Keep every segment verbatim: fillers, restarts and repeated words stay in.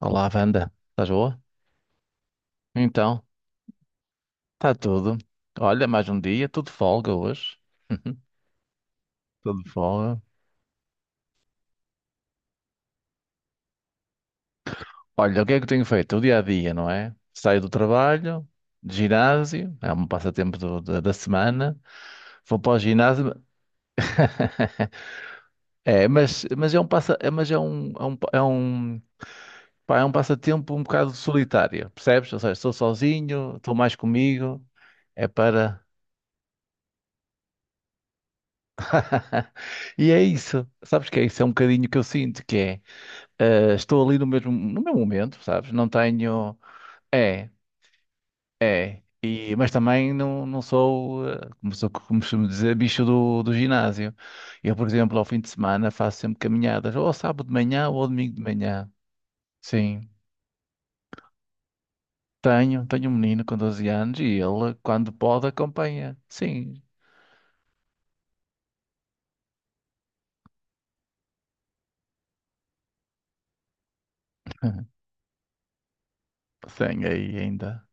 Olá, Wanda. Estás boa? Então, está tudo. Olha, mais um dia, tudo de folga hoje. Tudo de folga. Olha, o que é que eu tenho feito? O dia a dia, não é? Saio do trabalho, de ginásio, é um passatempo do- da, da semana. Vou para o ginásio. É, mas, mas é um passa, é, mas é um, é um, é um, pá, é um passatempo um bocado solitário, percebes? Ou seja, estou sozinho, estou mais comigo. É para. E é isso. Sabes que é isso? É um bocadinho que eu sinto que é. Eh, estou ali no mesmo, no meu momento, sabes? Não tenho. É, é. E, mas também não, não sou, eh, como sou, como costumo dizer, bicho do, do ginásio. Eu, por exemplo, ao fim de semana faço sempre caminhadas, ou ao sábado de manhã ou ao domingo de manhã. Sim. Tenho, tenho um menino com doze anos e ele, quando pode, acompanha. Sim, tenho aí ainda.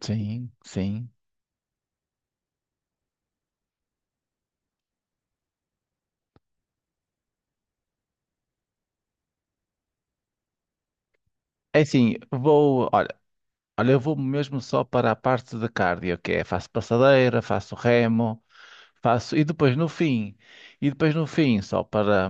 Sim, sim. É assim, vou, olha, olha, eu vou mesmo só para a parte de cardio, que é faço passadeira, faço remo. Faço, e depois no fim, e depois no fim, só para,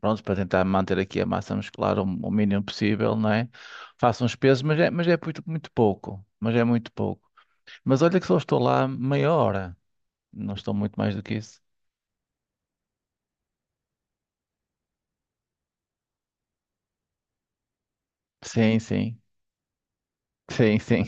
pronto, para tentar manter aqui a massa muscular o, o mínimo possível, não é? Faço uns pesos, mas é, mas é muito, muito pouco, mas é muito pouco. Mas olha que só estou lá meia hora, não estou muito mais do que isso. Sim, sim, sim, sim,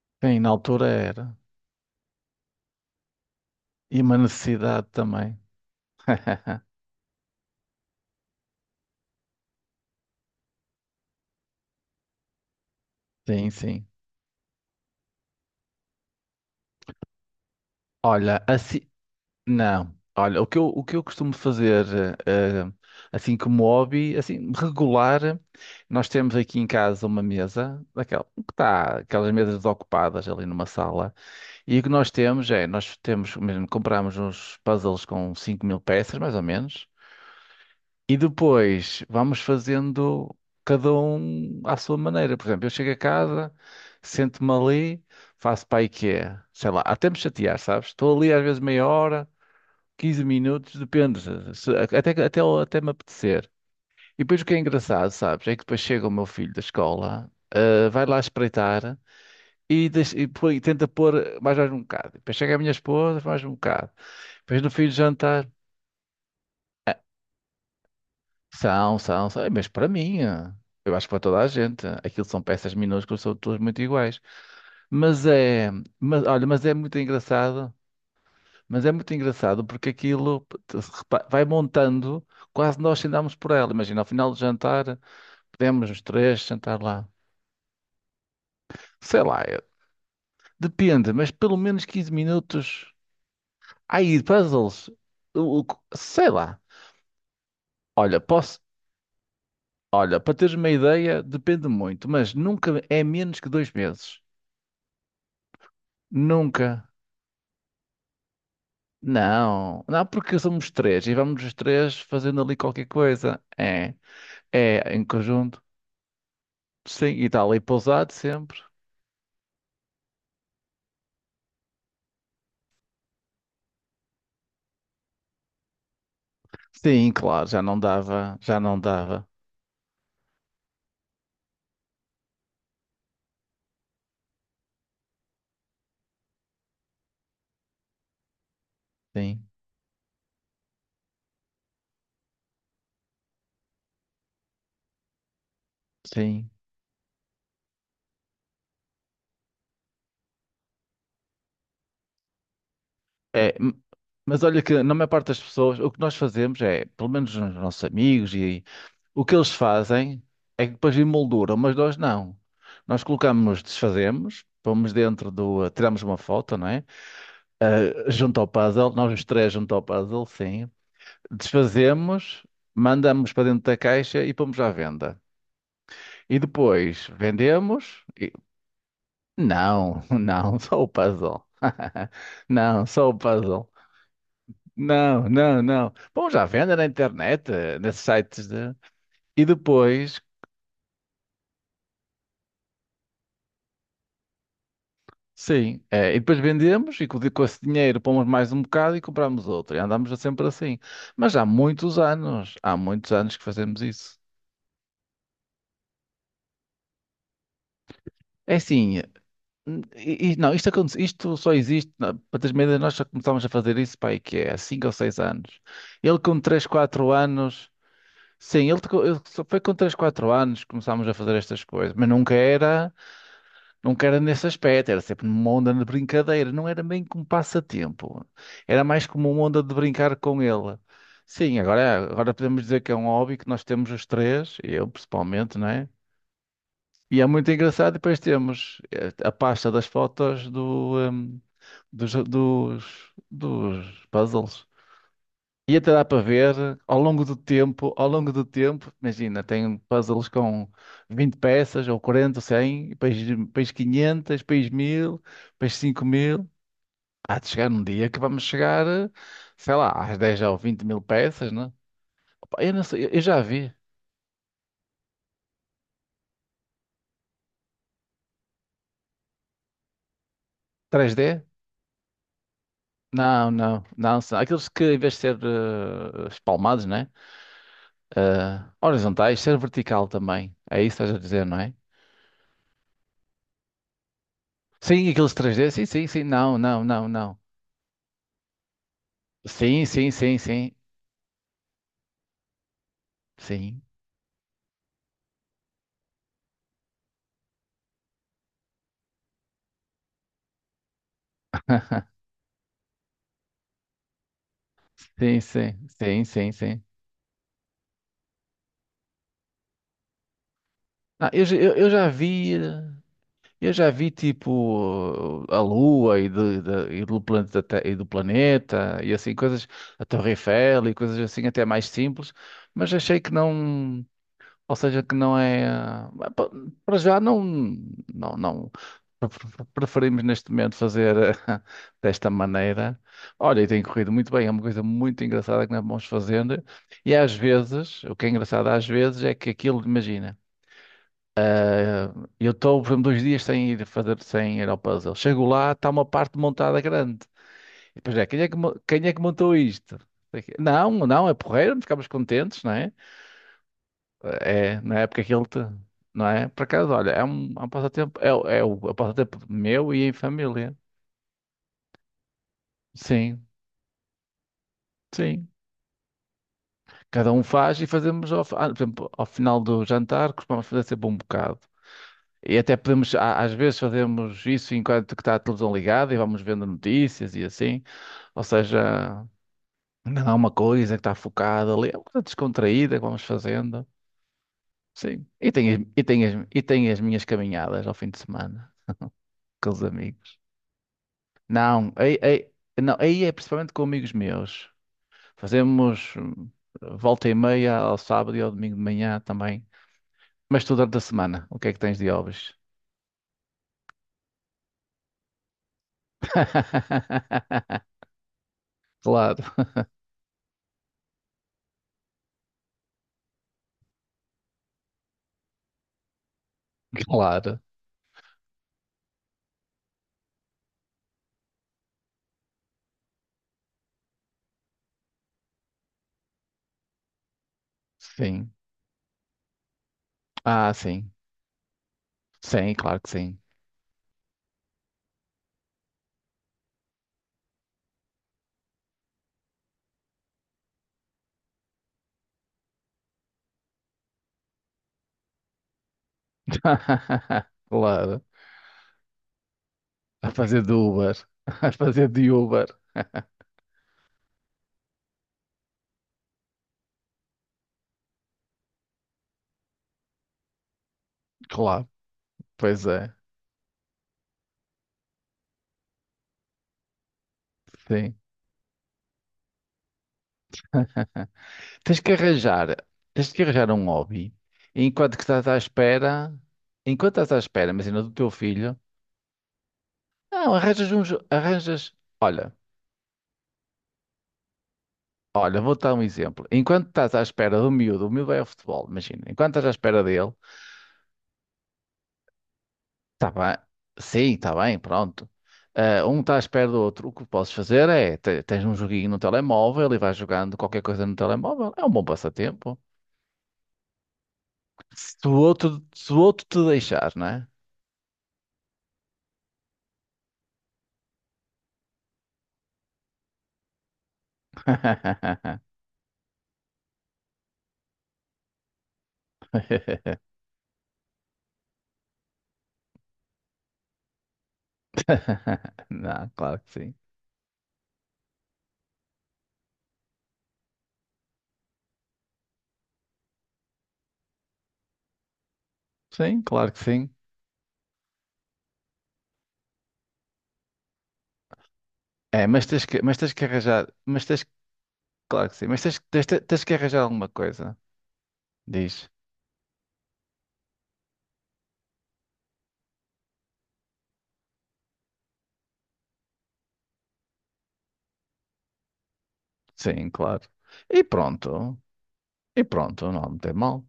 sim, na altura era. E uma necessidade também. Sim, sim. Olha, assim. Não. Olha, o que eu, o que eu costumo fazer, eh, assim como hobby, assim, regular, nós temos aqui em casa uma mesa, daquela, que está, aquelas mesas ocupadas ali numa sala, e o que nós temos é, nós temos, mesmo, compramos uns puzzles com cinco mil peças, mais ou menos, e depois vamos fazendo cada um à sua maneira. Por exemplo, eu chego a casa, sento-me ali, faço para aí quê? Sei lá, até me chatear, sabes? Estou ali às vezes meia hora quinze minutos, depende, se- até, que- até, até me apetecer. E depois o que é engraçado, sabes, é que depois chega o meu filho da escola, ah, vai lá espreitar e, deixa- e põe- tenta pôr mais, mais um bocado. Depois chega a minha esposa, mais um bocado. Depois no fim do jantar, são, são, são, Eh, mas para mim, ah, eu acho que para toda a gente, aquilo são peças minúsculas, são todas muito iguais. Mas é, mas, olha, mas é muito engraçado Mas é muito engraçado porque aquilo te- se repa- vai montando, quase nós andamos por ela. Imagina, ao final do jantar, podemos os três jantar lá. Sei lá, é- depende, mas pelo menos quinze minutos. Aí, puzzles, o- o- sei lá. Olha, posso, olha, para teres uma ideia, depende muito, mas nunca é menos que dois meses. Nunca. Não, não, porque somos três e vamos os três fazendo ali qualquer coisa. É, é em conjunto. Sim, e está ali pousado sempre. Sim, claro, já não dava, já não dava. Sim, sim. É, m- mas olha que na maior parte das pessoas, o que nós fazemos é, pelo menos os nossos amigos e o que eles fazem é que depois emolduram, mas nós não. Nós colocamos, desfazemos, pomos dentro do, tiramos uma foto, não é? Junto ao puzzle, nós os três junto ao puzzle, sim. Desfazemos, mandamos para dentro da caixa e pomos à venda. E depois vendemos. Não, não, só o puzzle. Não, só o puzzle. Não, não, não. Bom, já vende na internet, eh, nesses sites de... E depois, sim, eh, e depois vendemos e com com esse dinheiro pomos mais um bocado e compramos outro. E andamos sempre assim. Mas há muitos anos, há muitos anos que fazemos isso. É assim, hum, e- e- não, isto, aconte- isto só existe, na- para teres uma ideia, nós já começámos a fazer isso, pai, que é há cinco ou seis anos. Ele com três, quatro anos... Sim, ele, tocou- ele só foi com três, quatro anos que começámos a fazer estas coisas, mas nunca era, nunca era nesse aspecto, era sempre numa onda de brincadeira, não era bem como passatempo, era mais como uma onda de brincar com ele. Sim, agora, agora podemos dizer que é um hobby que nós temos os três, eu principalmente, não é? E é muito engraçado, depois temos eh, a pasta das fotos do, ehm, dos, dos, dos puzzles. E até dá para ver ao longo do tempo, ao longo do tempo, imagina, tem puzzles com vinte peças, ou quarenta ou cem, e depois, depois quinhentas, depois mil depois cinco mil. Há de chegar um dia que vamos chegar, eh, sei lá, às dez ou vinte mil peças, né? Opa, eu não sei, eu já vi. três dê. Não, não, não, são aqueles que em vez de ser eh, espalmados, né? Eh, horizontais, ser vertical também. É isso que estás a dizer, não é? Sim, aqueles três dê sim, sim, sim, não, não, não, não. Sim, sim, sim, sim. Sim. Sim, sim, sim, sim, sim. Ah, eu, já- eu, eu já vi, eh, eu já vi tipo eh, a Lua e, de- de- e do planeta, Te- e do planeta e assim coisas, a Torre Eiffel e coisas assim até mais simples, mas achei que não. Ou seja, que não é. ah, pa- Para já não, não, não pre- pre- preferimos neste momento fazer ah, desta maneira. Olha, e tem corrido muito bem, é uma coisa muito engraçada que nós vamos fazendo. E às vezes, o que é engraçado às vezes é que aquilo, imagina, ah, eu estou, por exemplo, dois dias sem ir fazer, sem ir ao puzzle. Chego lá, está uma parte montada grande. E depois é, quem é que, mo- quem é que montou isto? Não, não, é porreiro, ficamos contentes, não é? É, na época que ele te, não é? Por acaso, olha, é um, é um passatempo, é, o- é o é um passatempo meu e em família. Sim, sim. Cada um faz e fazemos, ao, fi- ah, por exemplo, ao final do jantar, costumamos fazer sempre um bocado. E até podemos, a- às vezes fazemos isso enquanto que está a televisão ligada e vamos vendo notícias e assim. Ou seja, ainda há uma coisa que está focada ali, é uma coisa descontraída que vamos fazendo. Sim. E tem, as- e tem, as- e tem as minhas caminhadas ao fim de semana com os amigos. Não, aí, aí- não, aí é principalmente com amigos meus. Fazemos hum, volta e meia ao sábado e ao domingo de manhã também. Mas tu durante a semana, o que é que tens de hobbies? Claro, claro. Sim. Ah, sim. Sim, claro que sim. Claro. A fazer de Uber. A fazer de Uber. Claro. Pois é. Sim. Tens que arranjar, tens que arranjar um hobby enquanto que estás à espera, enquanto estás à espera, imagina, do teu filho, não, arranjas uns, arranjas, olha, olha, vou-te dar um exemplo. Enquanto estás à espera do miúdo, o miúdo é o futebol, imagina, enquanto estás à espera dele, está bem, sim, está bem, pronto. Ah, um está à espera do outro, o que podes fazer é, te- tens um joguinho no telemóvel e vais jogando qualquer coisa no telemóvel, é um bom passatempo. Se o outro, se o outro te deixar, não é? Não, claro que sim. Sim, claro que sim. É, mas tens que, mas tens que arranjar, mas tens, que- claro que sim, mas tens, tens, tens que arranjar alguma coisa. Diz. Sim, claro. E pronto. E pronto, não, não tem mal.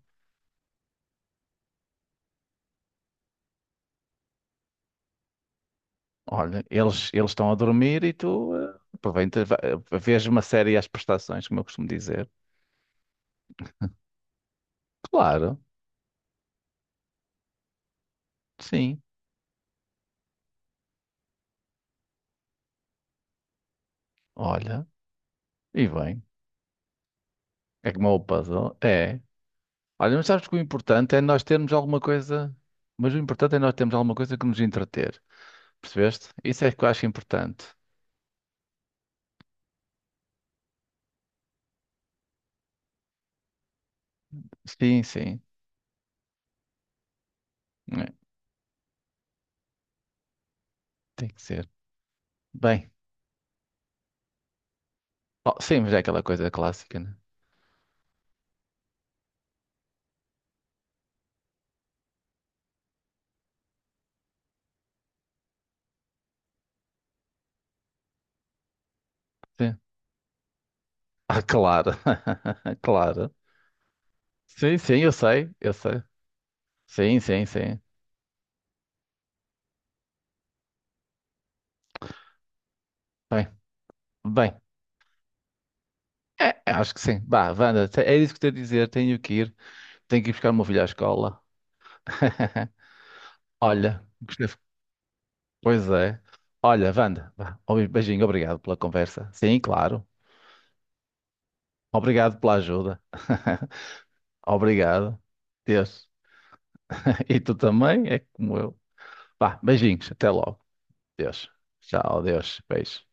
Olha, eles eles estão a dormir e tu eh, aproveitas, va- eh, vês uma série às prestações, como eu costumo dizer. Claro, sim. Olha, e bem. É como é o puzzle. É. Olha, mas sabes que o importante é nós termos alguma coisa, mas o importante é nós termos alguma coisa que nos entreter. Percebeste? Isso é que eu acho importante. Sim, sim. É, tem que ser. Bem, oh, sim, mas é aquela coisa clássica, né? Sim. Ah, claro. Claro. Sim, sim, eu sei, eu sei. Sim, sim, sim. Bem, bem. É, é, acho que sim. Bah, Wanda, te- é isso que tenho a dizer. Tenho que ir. Tenho que ir buscar o meu filho à escola. Olha, gostei. Pois é. Olha, Wanda, vá, um beijinho, obrigado pela conversa. Sim, claro. Obrigado pela ajuda. Obrigado. Deus. E tu também, é como eu. Vá, beijinhos, até logo. Deus. Tchau, Deus. Beijo.